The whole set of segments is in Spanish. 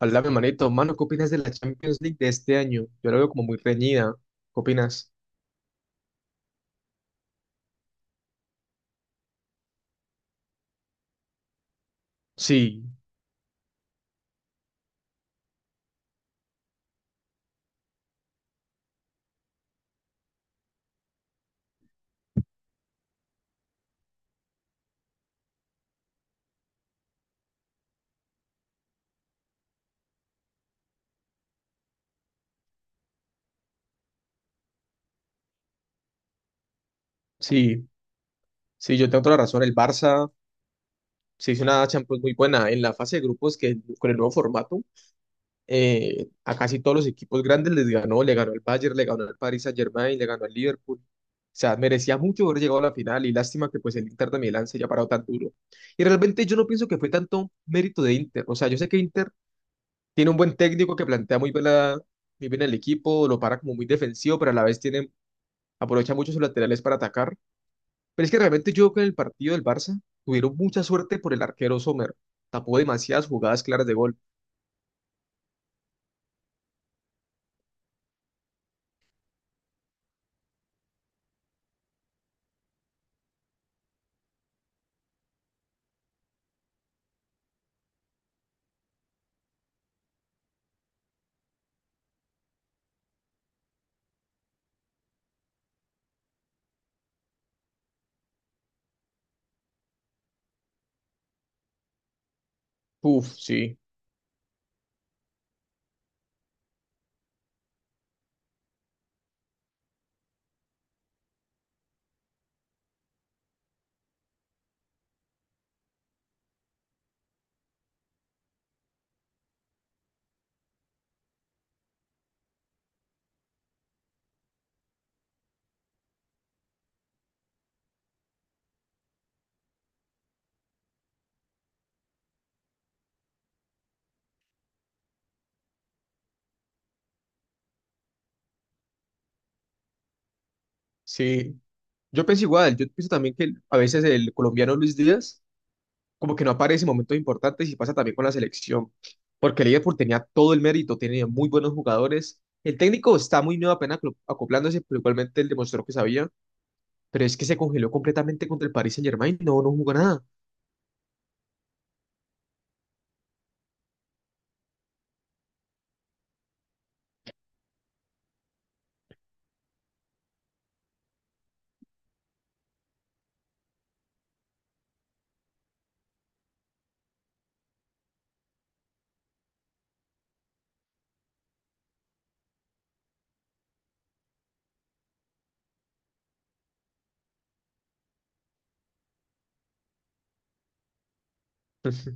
Hola, mi manito. Mano, ¿qué opinas de la Champions League de este año? Yo la veo como muy reñida. ¿Qué opinas? Sí, sí, sí, yo tengo toda la razón. El Barça se hizo una Champions muy buena en la fase de grupos que, con el nuevo formato, a casi todos los equipos grandes les ganó. Le ganó al Bayern, le ganó al Paris Saint-Germain, le ganó al Liverpool. O sea, merecía mucho haber llegado a la final, y lástima que pues el Inter de Milán se haya parado tan duro. Y realmente yo no pienso que fue tanto mérito de Inter. O sea, yo sé que Inter tiene un buen técnico que plantea muy bien, muy bien el equipo, lo para como muy defensivo, pero a la vez tiene, aprovecha mucho sus laterales para atacar. Pero es que realmente yo creo que en el partido del Barça tuvieron mucha suerte por el arquero Sommer. Tapó demasiadas jugadas claras de gol. Uf, sí, sí. Yo pienso igual, yo pienso también que a veces el colombiano Luis Díaz como que no aparece en momentos importantes, y pasa también con la selección. Porque el Liverpool tenía todo el mérito, tenía muy buenos jugadores. El técnico está muy nuevo, apenas acoplándose, pero igualmente él demostró que sabía. Pero es que se congeló completamente contra el Paris Saint-Germain, no, no jugó nada.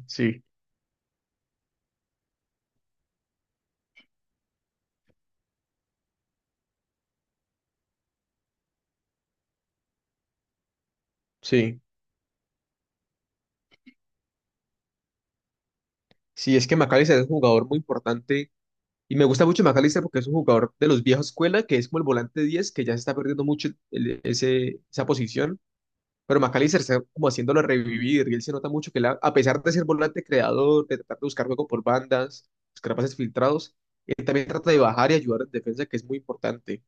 Sí, sí, sí, es que McAllister es un jugador muy importante, y me gusta mucho McAllister porque es un jugador de los viejos escuela, que es como el volante 10, que ya se está perdiendo mucho esa posición, pero McAllister está como haciéndolo revivir. Y él se nota mucho que él, a pesar de ser volante creador, de tratar de buscar juego por bandas, buscar pases filtrados, él también trata de bajar y ayudar en defensa, que es muy importante.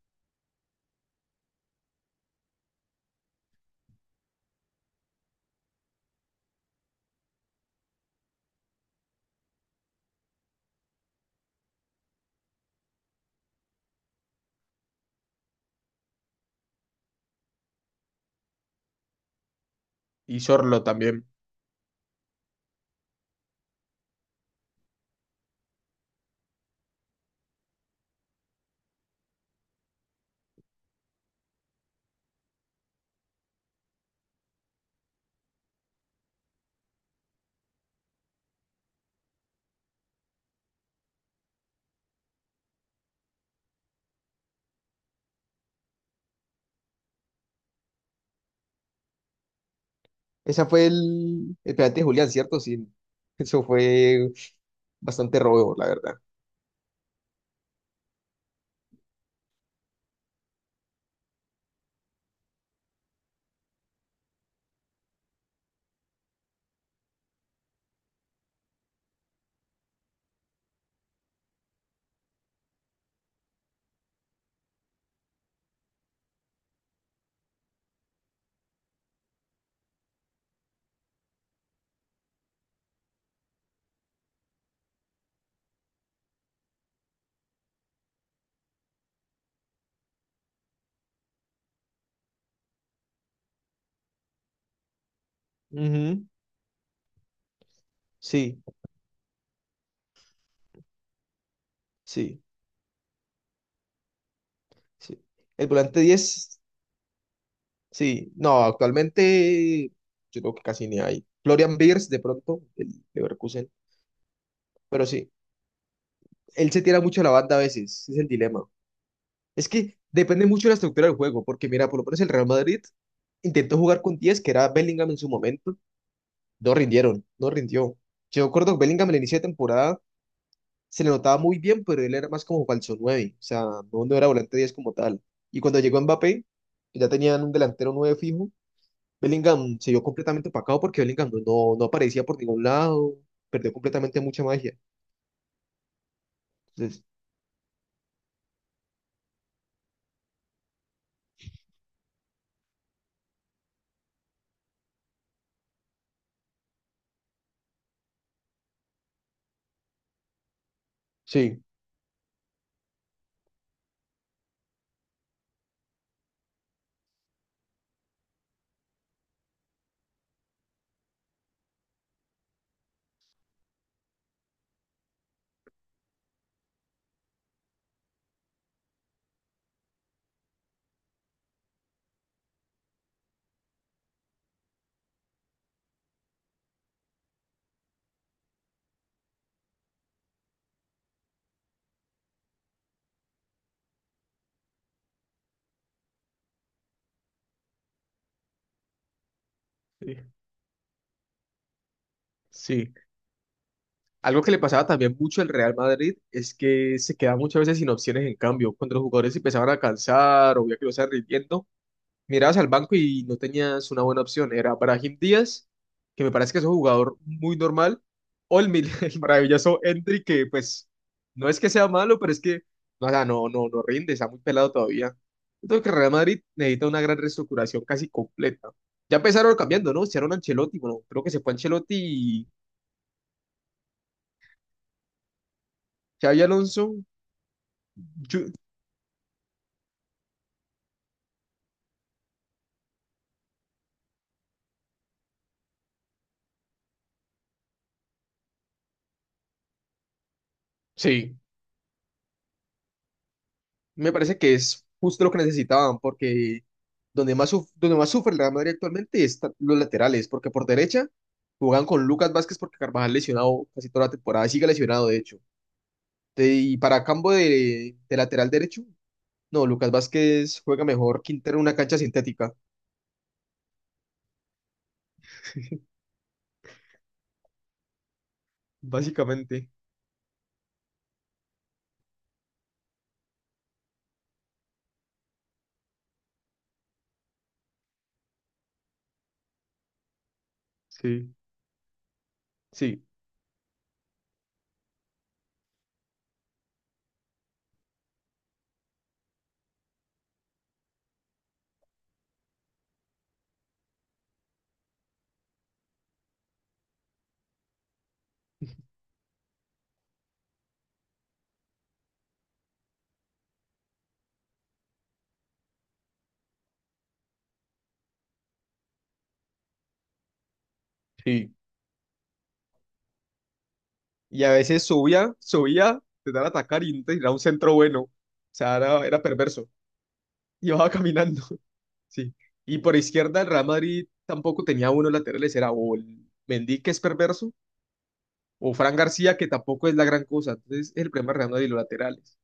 Y Sorlo también. Esa fue el penalti de Julián, ¿cierto? Sí. Eso fue bastante robo, la verdad. Ujú, sí, sí, sí. El volante diez, sí. No, actualmente yo creo que casi ni hay. Florian Beers, de pronto, el Leverkusen. Pero sí, él se tira mucho a la banda a veces, es el dilema. Es que depende mucho de la estructura del juego, porque mira, por lo menos el Real Madrid intentó jugar con 10, que era Bellingham en su momento. No rindieron, no rindió. Yo recuerdo que Bellingham, al inicio de temporada, se le notaba muy bien, pero él era más como falso nueve, o sea, no era volante 10 como tal. Y cuando llegó Mbappé, que ya tenían un delantero 9 fijo, Bellingham se vio completamente opacado, porque Bellingham no aparecía por ningún lado, perdió completamente mucha magia. Entonces, sí. Sí, sí. Algo que le pasaba también mucho al Real Madrid es que se quedaba muchas veces sin opciones en cambio. Cuando los jugadores se empezaban a cansar o veía que lo estaban rindiendo, mirabas al banco y no tenías una buena opción. Era Brahim Díaz, que me parece que es un jugador muy normal, o el maravilloso Endrick, que pues no es que sea malo, pero es que no, o sea, no rinde, está muy pelado todavía. Yo creo que Real Madrid necesita una gran reestructuración casi completa. Ya empezaron cambiando, ¿no? Hicieron Ancelotti, bueno, creo que se fue Ancelotti y Xavi Alonso. Yo- sí. Me parece que es justo lo que necesitaban, porque donde más sufre el Real Madrid actualmente están los laterales, porque por derecha juegan con Lucas Vázquez, porque Carvajal lesionado casi toda la temporada, sigue lesionado de hecho. Y para campo de, lateral derecho, no, Lucas Vázquez juega mejor Quintero en una cancha sintética, básicamente. Sí, sí, sí. Y a veces subía, subía, te dan a atacar y te tiraba un centro bueno. O sea, era perverso. Y bajaba caminando. Sí. Y por izquierda el Real Madrid tampoco tenía buenos laterales, era o el Mendy, que es perverso, o Fran García, que tampoco es la gran cosa. Entonces el problema del Real Madrid, los laterales.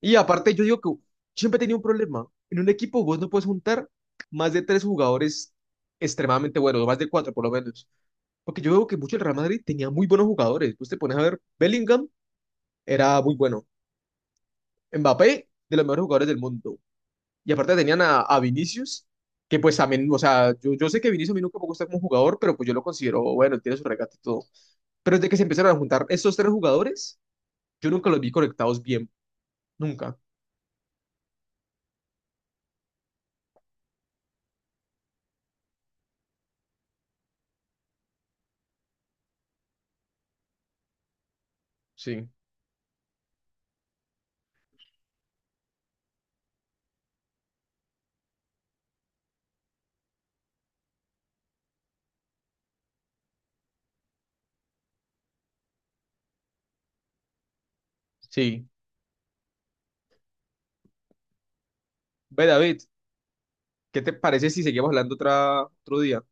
Y aparte yo digo que yo siempre tenía un problema. En un equipo vos no puedes juntar más de tres jugadores extremadamente buenos, o más de cuatro por lo menos. Porque yo veo que mucho el Real Madrid tenía muy buenos jugadores. Vos te pones a ver, Bellingham era muy bueno. Mbappé, de los mejores jugadores del mundo. Y aparte tenían a Vinicius, que pues a mí, o sea, yo sé que Vinicius a mí nunca me gusta como jugador, pero pues yo lo considero, bueno, él tiene su regate y todo. Pero desde que se empezaron a juntar estos tres jugadores, yo nunca los vi conectados bien, nunca. Sí, sí. Ve, David, ¿qué te parece si seguimos hablando otra, otro día?